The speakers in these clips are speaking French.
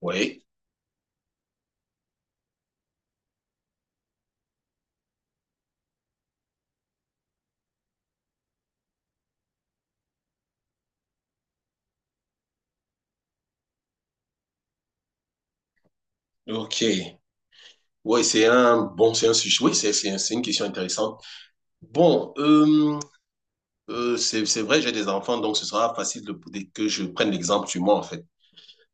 Oui, ok. Oui, c'est un bon, c'est un sujet. Oui, c'est une question intéressante. Bon, c'est vrai, j'ai des enfants, donc ce sera facile de, que je prenne l'exemple sur moi, en fait.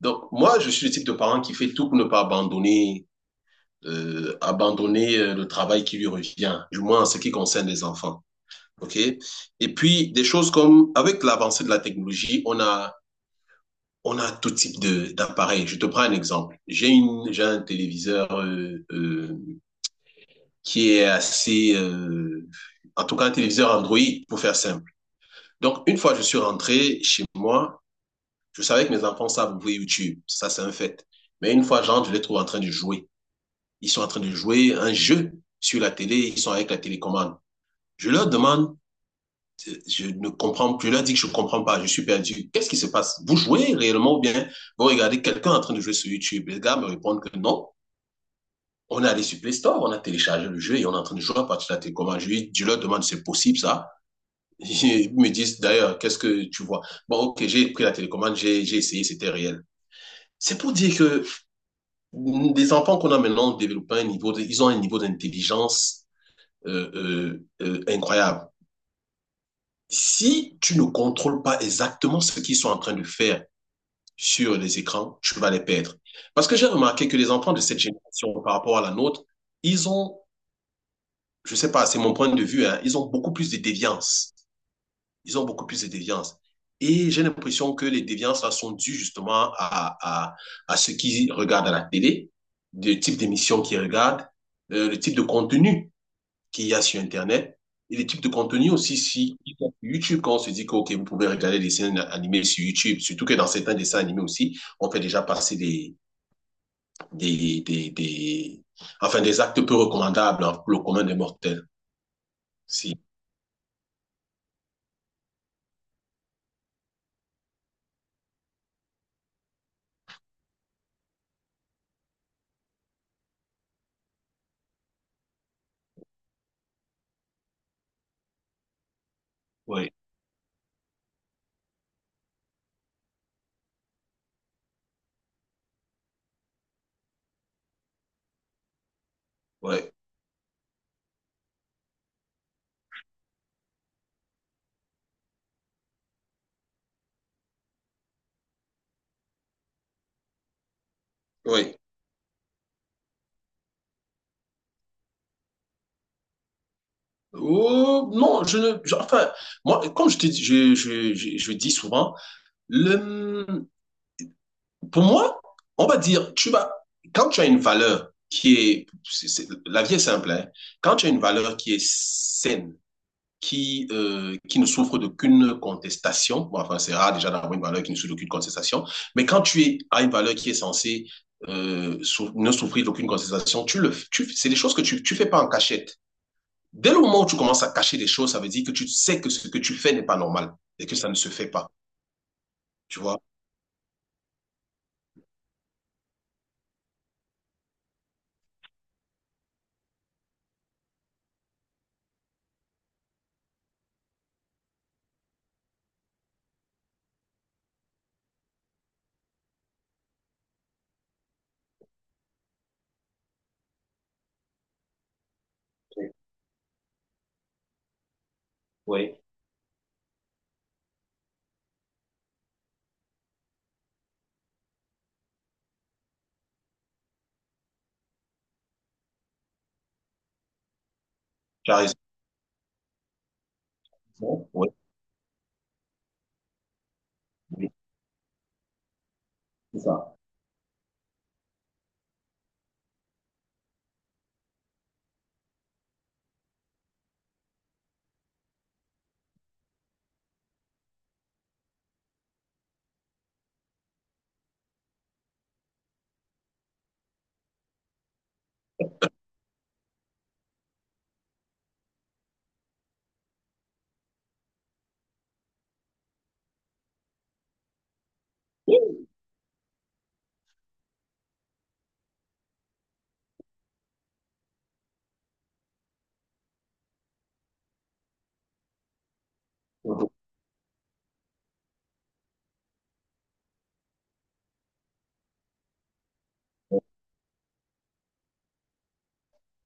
Donc, moi, je suis le type de parent qui fait tout pour ne pas abandonner, abandonner le travail qui lui revient, du moins en ce qui concerne les enfants. OK? Et puis, des choses comme, avec l'avancée de la technologie, on a tout type de, d'appareils. Je te prends un exemple. J'ai une, j'ai un téléviseur qui est assez, en tout cas un téléviseur Android, pour faire simple. Donc, une fois que je suis rentré chez moi, je savais que mes enfants savent ouvrir YouTube, ça c'est un fait. Mais une fois, j'entre, je les trouve en train de jouer. Ils sont en train de jouer un jeu sur la télé, ils sont avec la télécommande. Je leur demande, je ne comprends plus, je leur dis que je ne comprends pas, je suis perdu. Qu'est-ce qui se passe? Vous jouez réellement ou bien vous regardez quelqu'un en train de jouer sur YouTube? Les gars me répondent que non, on est allé sur Play Store, on a téléchargé le jeu et on est en train de jouer à partir de la télécommande. Je leur demande, c'est possible ça? Ils me disent d'ailleurs, qu'est-ce que tu vois? Bon, ok, j'ai pris la télécommande, j'ai essayé, c'était réel. C'est pour dire que les enfants qu'on a maintenant développent ils ont un niveau d'intelligence incroyable. Si tu ne contrôles pas exactement ce qu'ils sont en train de faire sur les écrans, tu vas les perdre. Parce que j'ai remarqué que les enfants de cette génération par rapport à la nôtre, ils ont, je sais pas, c'est mon point de vue, hein, ils ont beaucoup plus de déviance. Ils ont beaucoup plus de déviances. Et j'ai l'impression que les déviances là, sont dues justement à ce qu'ils regardent à la télé, le type d'émission qu'ils regardent, le type de contenu qu'il y a sur Internet et le type de contenu aussi si YouTube, quand on se dit que okay, vous pouvez regarder des dessins animés sur YouTube, surtout que dans certains dessins animés aussi, on fait déjà passer des enfin, des actes peu recommandables hein, pour le commun des mortels. Si, oui, oui, oui. Oh, non, je ne. Je- enfin, moi, comme je te dis, je dis souvent, le, pour moi, on va dire, tu vas, quand tu as une valeur qui est, la vie est simple, hein. Quand tu as une valeur qui est saine, qui ne souffre d'aucune contestation, bon, enfin, c'est rare déjà d'avoir une valeur qui ne souffre d'aucune contestation, mais quand tu es, as une valeur qui est censée ne souffrir d'aucune contestation, tu le, tu, c'est des choses que tu fais pas en cachette. Dès le moment où tu commences à cacher des choses, ça veut dire que tu sais que ce que tu fais n'est pas normal et que ça ne se fait pas. Tu vois? Oui. Tu as raison. Oui, oui, c'est ça.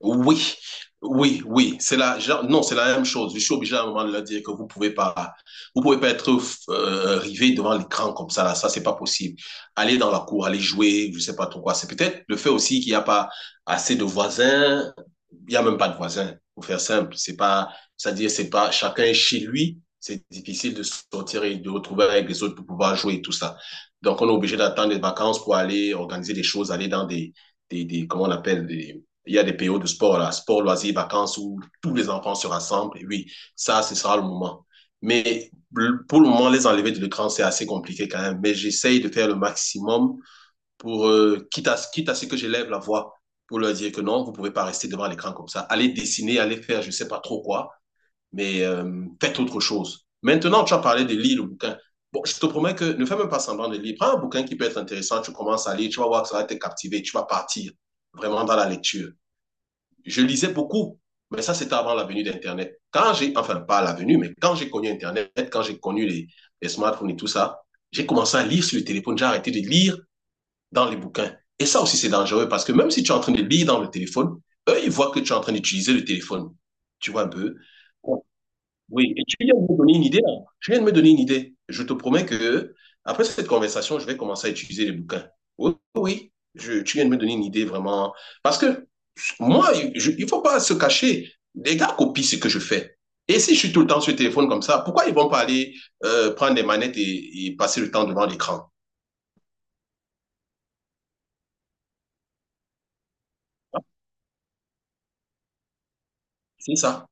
Oui, oui, oui, c'est la, non, c'est la même chose. Je suis obligé à un moment de leur dire que vous pouvez pas être rivé devant l'écran comme ça là, ça c'est pas possible. Aller dans la cour, aller jouer, je sais pas trop quoi. C'est peut-être le fait aussi qu'il n'y a pas assez de voisins. Il y a même pas de voisins. Pour faire simple, c'est pas, c'est-à-dire c'est pas, chacun est chez lui. C'est difficile de sortir et de retrouver avec les autres pour pouvoir jouer et tout ça. Donc on est obligé d'attendre les vacances pour aller organiser des choses, aller dans des, comment on appelle des il y a des périodes de sport, là, sport, loisirs, vacances, où tous les enfants se rassemblent. Et oui, ça, ce sera le moment. Mais pour le moment, les enlever de l'écran, c'est assez compliqué quand même. Mais j'essaye de faire le maximum pour, quitte, à, quitte à ce que j'élève la voix, pour leur dire que non, vous ne pouvez pas rester devant l'écran comme ça. Allez dessiner, allez faire je ne sais pas trop quoi, mais faites autre chose. Maintenant, tu as parlé de lire le bouquin. Bon, je te promets que ne fais même pas semblant de lire. Prends un bouquin qui peut être intéressant, tu commences à lire, tu vas voir que ça va te captiver, tu vas partir vraiment dans la lecture. Je lisais beaucoup, mais ça, c'était avant la venue d'Internet. Quand j'ai, enfin, pas la venue, mais quand j'ai connu Internet, quand j'ai connu les smartphones et tout ça, j'ai commencé à lire sur le téléphone, j'ai arrêté de lire dans les bouquins. Et ça aussi, c'est dangereux parce que même si tu es en train de lire dans le téléphone, eux, ils voient que tu es en train d'utiliser le téléphone. Tu vois un peu. Oui, et tu viens de me donner une idée là. Tu viens de me donner une idée. Je te promets que après cette conversation, je vais commencer à utiliser les bouquins. Oui, oui, oui. Tu viens de me donner une idée vraiment. Parce que moi, il ne faut pas se cacher. Les gars copient ce que je fais. Et si je suis tout le temps sur le téléphone comme ça, pourquoi ils vont pas aller prendre des manettes et passer le temps devant l'écran? C'est ça.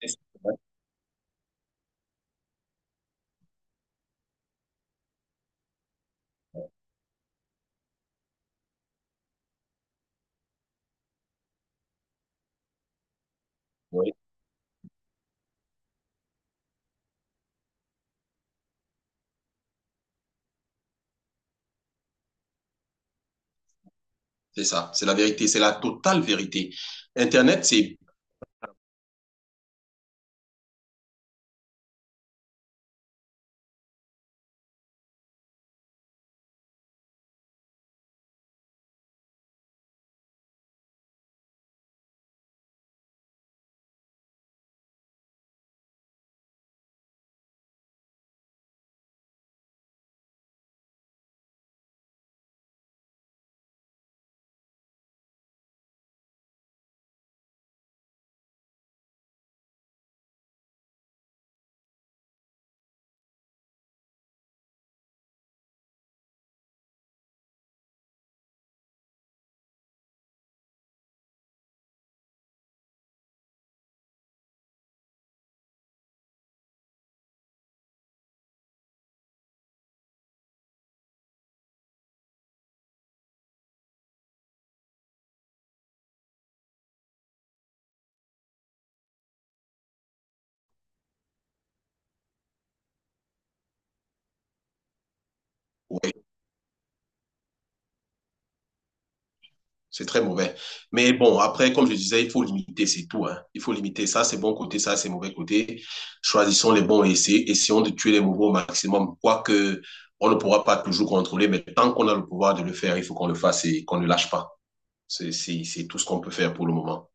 C'est ça. Oui, c'est ça. C'est la vérité. C'est la totale vérité. Internet, c'est... ouais, c'est très mauvais. Mais bon, après, comme je disais, il faut limiter, c'est tout, hein. Il faut limiter ça, c'est bon côté, ça, c'est mauvais côté. Choisissons les bons et essayons de tuer les mauvais au maximum. Quoique, on ne pourra pas toujours contrôler, mais tant qu'on a le pouvoir de le faire, il faut qu'on le fasse et qu'on ne lâche pas. C'est tout ce qu'on peut faire pour le moment.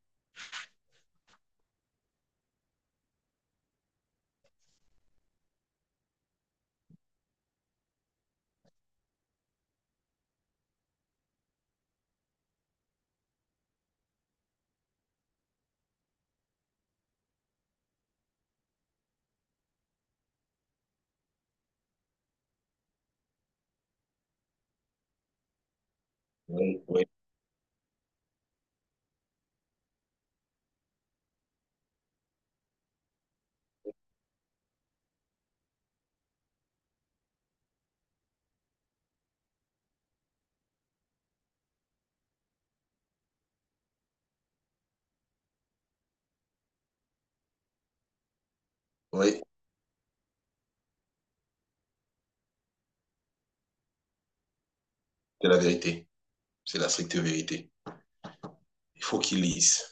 Oui, oui, oui, c'est la vérité. C'est la stricte vérité. Il faut qu'ils lisent.